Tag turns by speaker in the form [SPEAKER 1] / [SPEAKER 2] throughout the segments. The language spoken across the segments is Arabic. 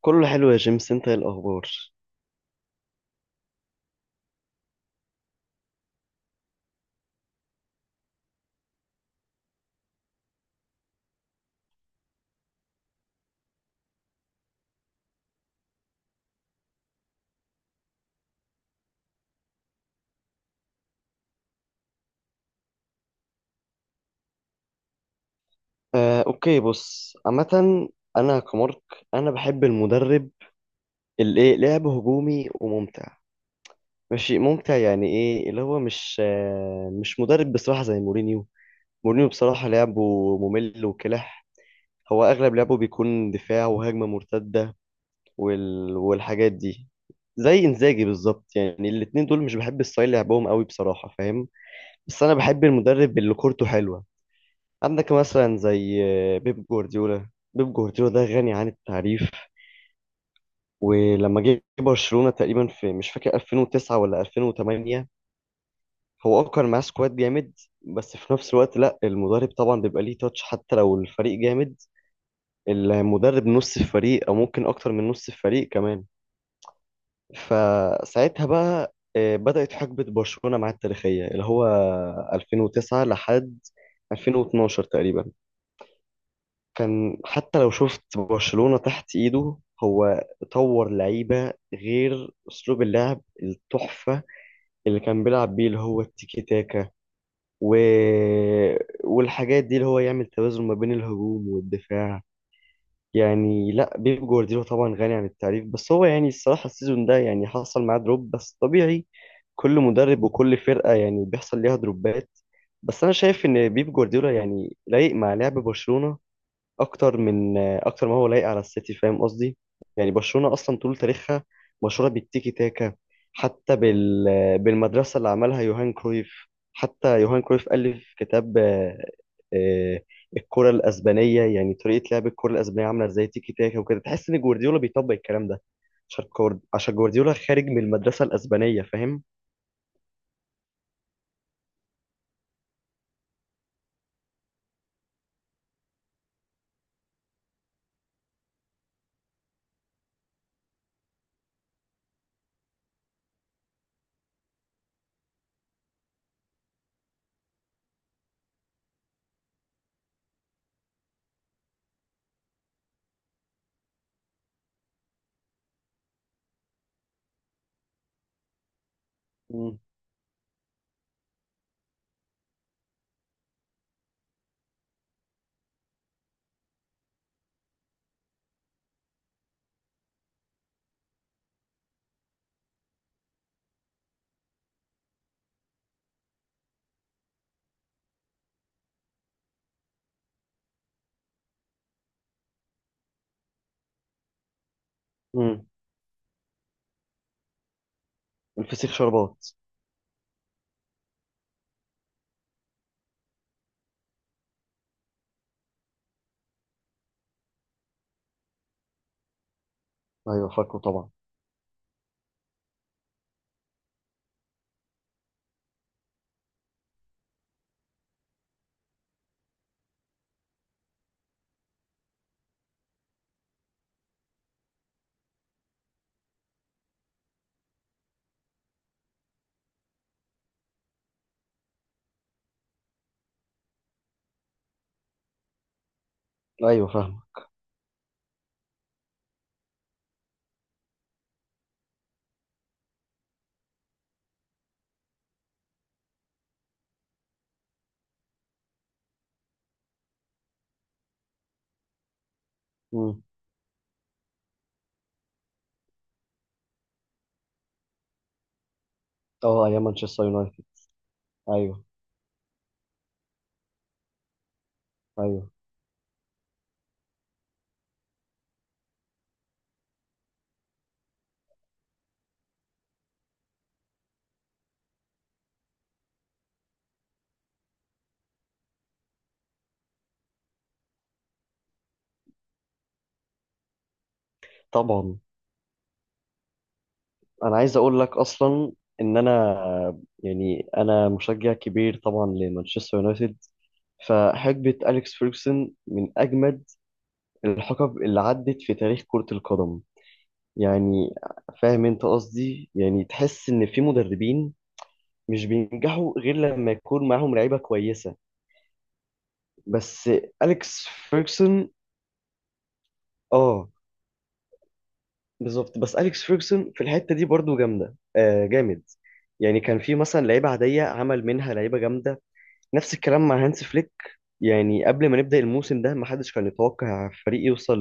[SPEAKER 1] كله حلو يا جيمس، انت ايه الاخبار؟ اوكي، بص عامه. انا كمارك، انا بحب المدرب اللي ايه لعب هجومي وممتع. ماشي ممتع يعني ايه اللي هو مش مدرب بصراحه زي مورينيو. مورينيو بصراحه لعبه ممل وكلح. هو اغلب لعبه بيكون دفاع وهجمه مرتده، والحاجات دي، زي انزاجي بالظبط. يعني الاتنين دول مش بحب ستايل لعبهم قوي بصراحه، فاهم؟ بس انا بحب المدرب اللي كورته حلوه. عندك مثلا زي بيب جوارديولا. بيب جوارديولا ده غني عن التعريف. ولما جه برشلونة تقريبا في مش فاكر 2009 ولا 2008، هو كان معاه سكواد جامد. بس في نفس الوقت لا، المدرب طبعا بيبقى ليه تاتش حتى لو الفريق جامد. المدرب نص الفريق او ممكن اكتر من نص الفريق كمان. فساعتها بقى بدأت حقبة برشلونة معاه التاريخية، اللي هو 2009 لحد 2012 تقريبا. كان حتى لو شفت برشلونة تحت ايده، هو طور لعيبة، غير اسلوب اللعب التحفة اللي كان بيلعب بيه اللي هو التيكي تاكا، و... والحاجات دي، اللي هو يعمل توازن ما بين الهجوم والدفاع. يعني لا، بيب جوارديولا طبعا غني عن التعريف، بس هو يعني الصراحة السيزون ده يعني حصل معاه دروب بس طبيعي. كل مدرب وكل فرقة يعني بيحصل ليها دروبات. بس انا شايف ان بيب جوارديولا يعني لايق مع لعب برشلونة اكتر من اكتر ما هو لايق على السيتي، فاهم قصدي؟ يعني برشلونة اصلا طول تاريخها مشهورة بالتيكي تاكا، حتى بالمدرسة اللي عملها يوهان كرويف. حتى يوهان كرويف ألف كتاب آه، الكرة الأسبانية، يعني طريقة لعب الكرة الأسبانية عاملة ازاي تيكي تاكا وكده. تحس إن جوارديولا بيطبق الكلام ده، عشان عشان جوارديولا خارج من المدرسة الأسبانية، فاهم؟ مم. مم. الفسيخ شربات. أيوه فاكره طبعا. أيوه فاهمه. مم. أه، أيام مانشستر يونايتد. أيوه. أيوه طبعا. انا عايز اقول لك اصلا ان انا مشجع كبير طبعا لمانشستر يونايتد، فحقبة أليكس فيرجسون من أجمد الحقب اللي عدت في تاريخ كرة القدم يعني. فاهم أنت قصدي؟ يعني تحس إن في مدربين مش بينجحوا غير لما يكون معاهم لعيبة كويسة. بس أليكس فيرجسون. آه، بالظبط. بس أليكس فيرجسون في الحتة دي برضو جامدة جامد. يعني كان في مثلا لعيبة عادية عمل منها لعيبة جامدة. نفس الكلام مع هانس فليك. يعني قبل ما نبدأ الموسم ده، ما حدش كان يتوقع فريق يوصل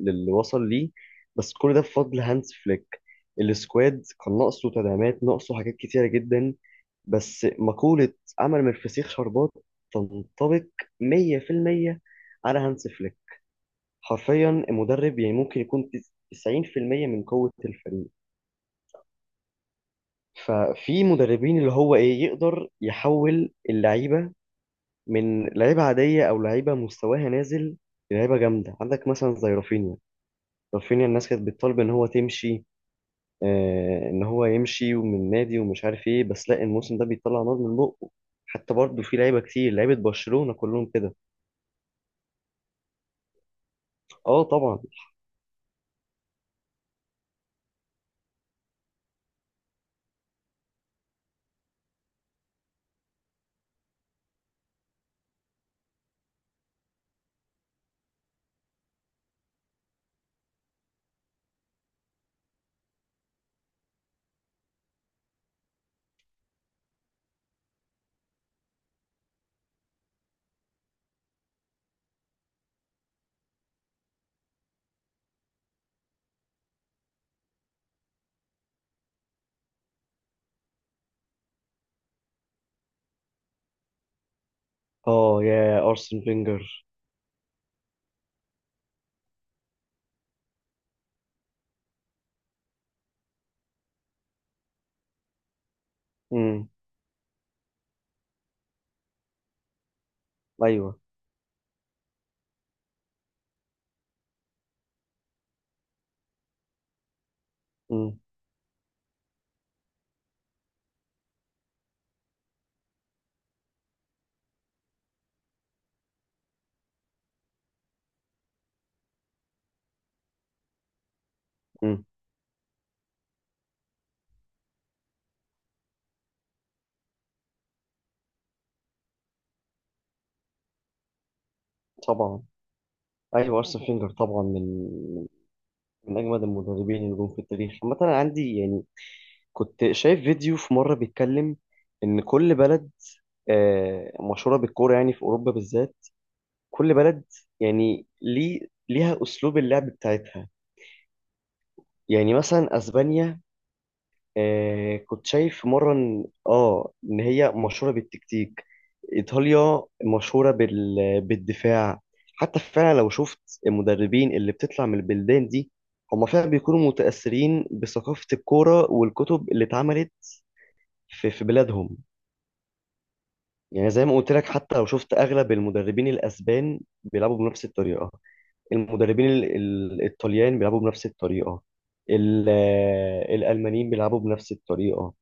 [SPEAKER 1] للي وصل ليه، بس كل ده بفضل هانس فليك. السكواد كان ناقصه تدعيمات، ناقصه حاجات كتيرة جدا، بس مقولة عمل من الفسيخ شربات تنطبق 100% على هانس فليك. حرفيا المدرب يعني ممكن يكون 90% من قوة الفريق. ففي مدربين اللي هو ايه، يقدر يحول اللعيبة من لعيبة عادية أو لعيبة مستواها نازل لعيبة جامدة. عندك مثلا زي رافينيا. رافينيا الناس كانت بتطالب إن هو تمشي، آه، إن هو يمشي ومن نادي ومش عارف إيه، بس لا الموسم ده بيطلع نار من بقه. حتى برضه في لعيبة كتير، لعيبة برشلونة كلهم كده. أه طبعا. أه يا أرسن فينجر. أمم. أيوه. أمم. أمم. طبعا. أيوه أرسن فينجر طبعا من من أجمد المدربين اللي جم في التاريخ عامة. أنا عندي يعني كنت شايف فيديو في مرة بيتكلم إن كل بلد مشهوره بالكوره، يعني في اوروبا بالذات. كل بلد يعني ليها اسلوب اللعب بتاعتها. يعني مثلا اسبانيا، كنت شايف مره ان هي مشهوره بالتكتيك. ايطاليا مشهوره بالدفاع. حتى فعلا لو شفت المدربين اللي بتطلع من البلدان دي، هم فعلا بيكونوا متاثرين بثقافه الكوره والكتب اللي اتعملت في بلادهم. يعني زي ما قلت لك، حتى لو شفت اغلب المدربين الاسبان بيلعبوا بنفس الطريقه، المدربين الطليان بيلعبوا بنفس الطريقة، الألمانيين بيلعبوا بنفس الطريقة.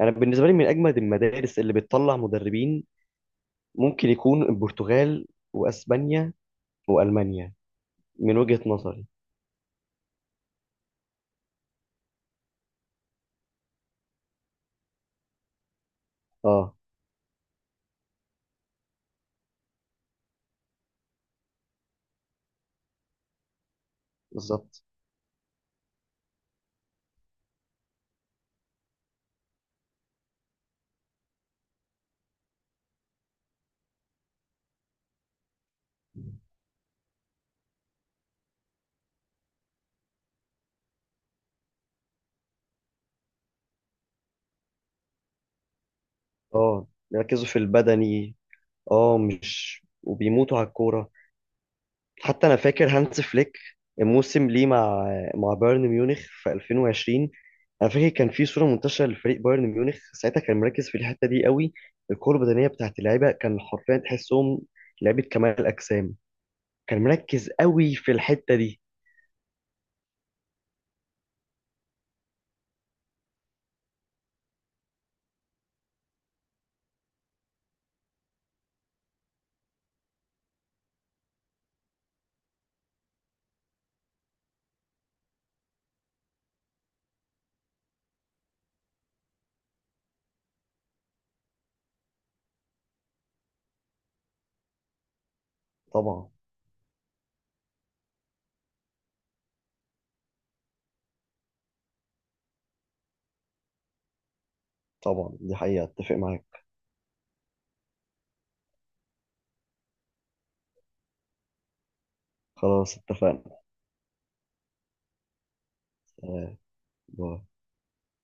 [SPEAKER 1] أنا بالنسبة لي من أجمد المدارس اللي بتطلع مدربين ممكن يكون البرتغال، وأسبانيا، وألمانيا، من وجهة نظري. اه بالظبط. اه بيركزوا في البدني. اه مش، وبيموتوا على الكورة. حتى انا فاكر هانز فليك الموسم ليه مع بايرن ميونخ في 2020. انا فاكر كان في صوره منتشره لفريق بايرن ميونخ ساعتها، كان مركز في الحته دي قوي. القوه البدنيه بتاعت اللعيبه كان حرفيا تحسهم لعيبه كمال اجسام. كان مركز قوي في الحته دي. طبعا. طبعا دي حقيقه اتفق معاك. خلاص اتفقنا. آه، باي.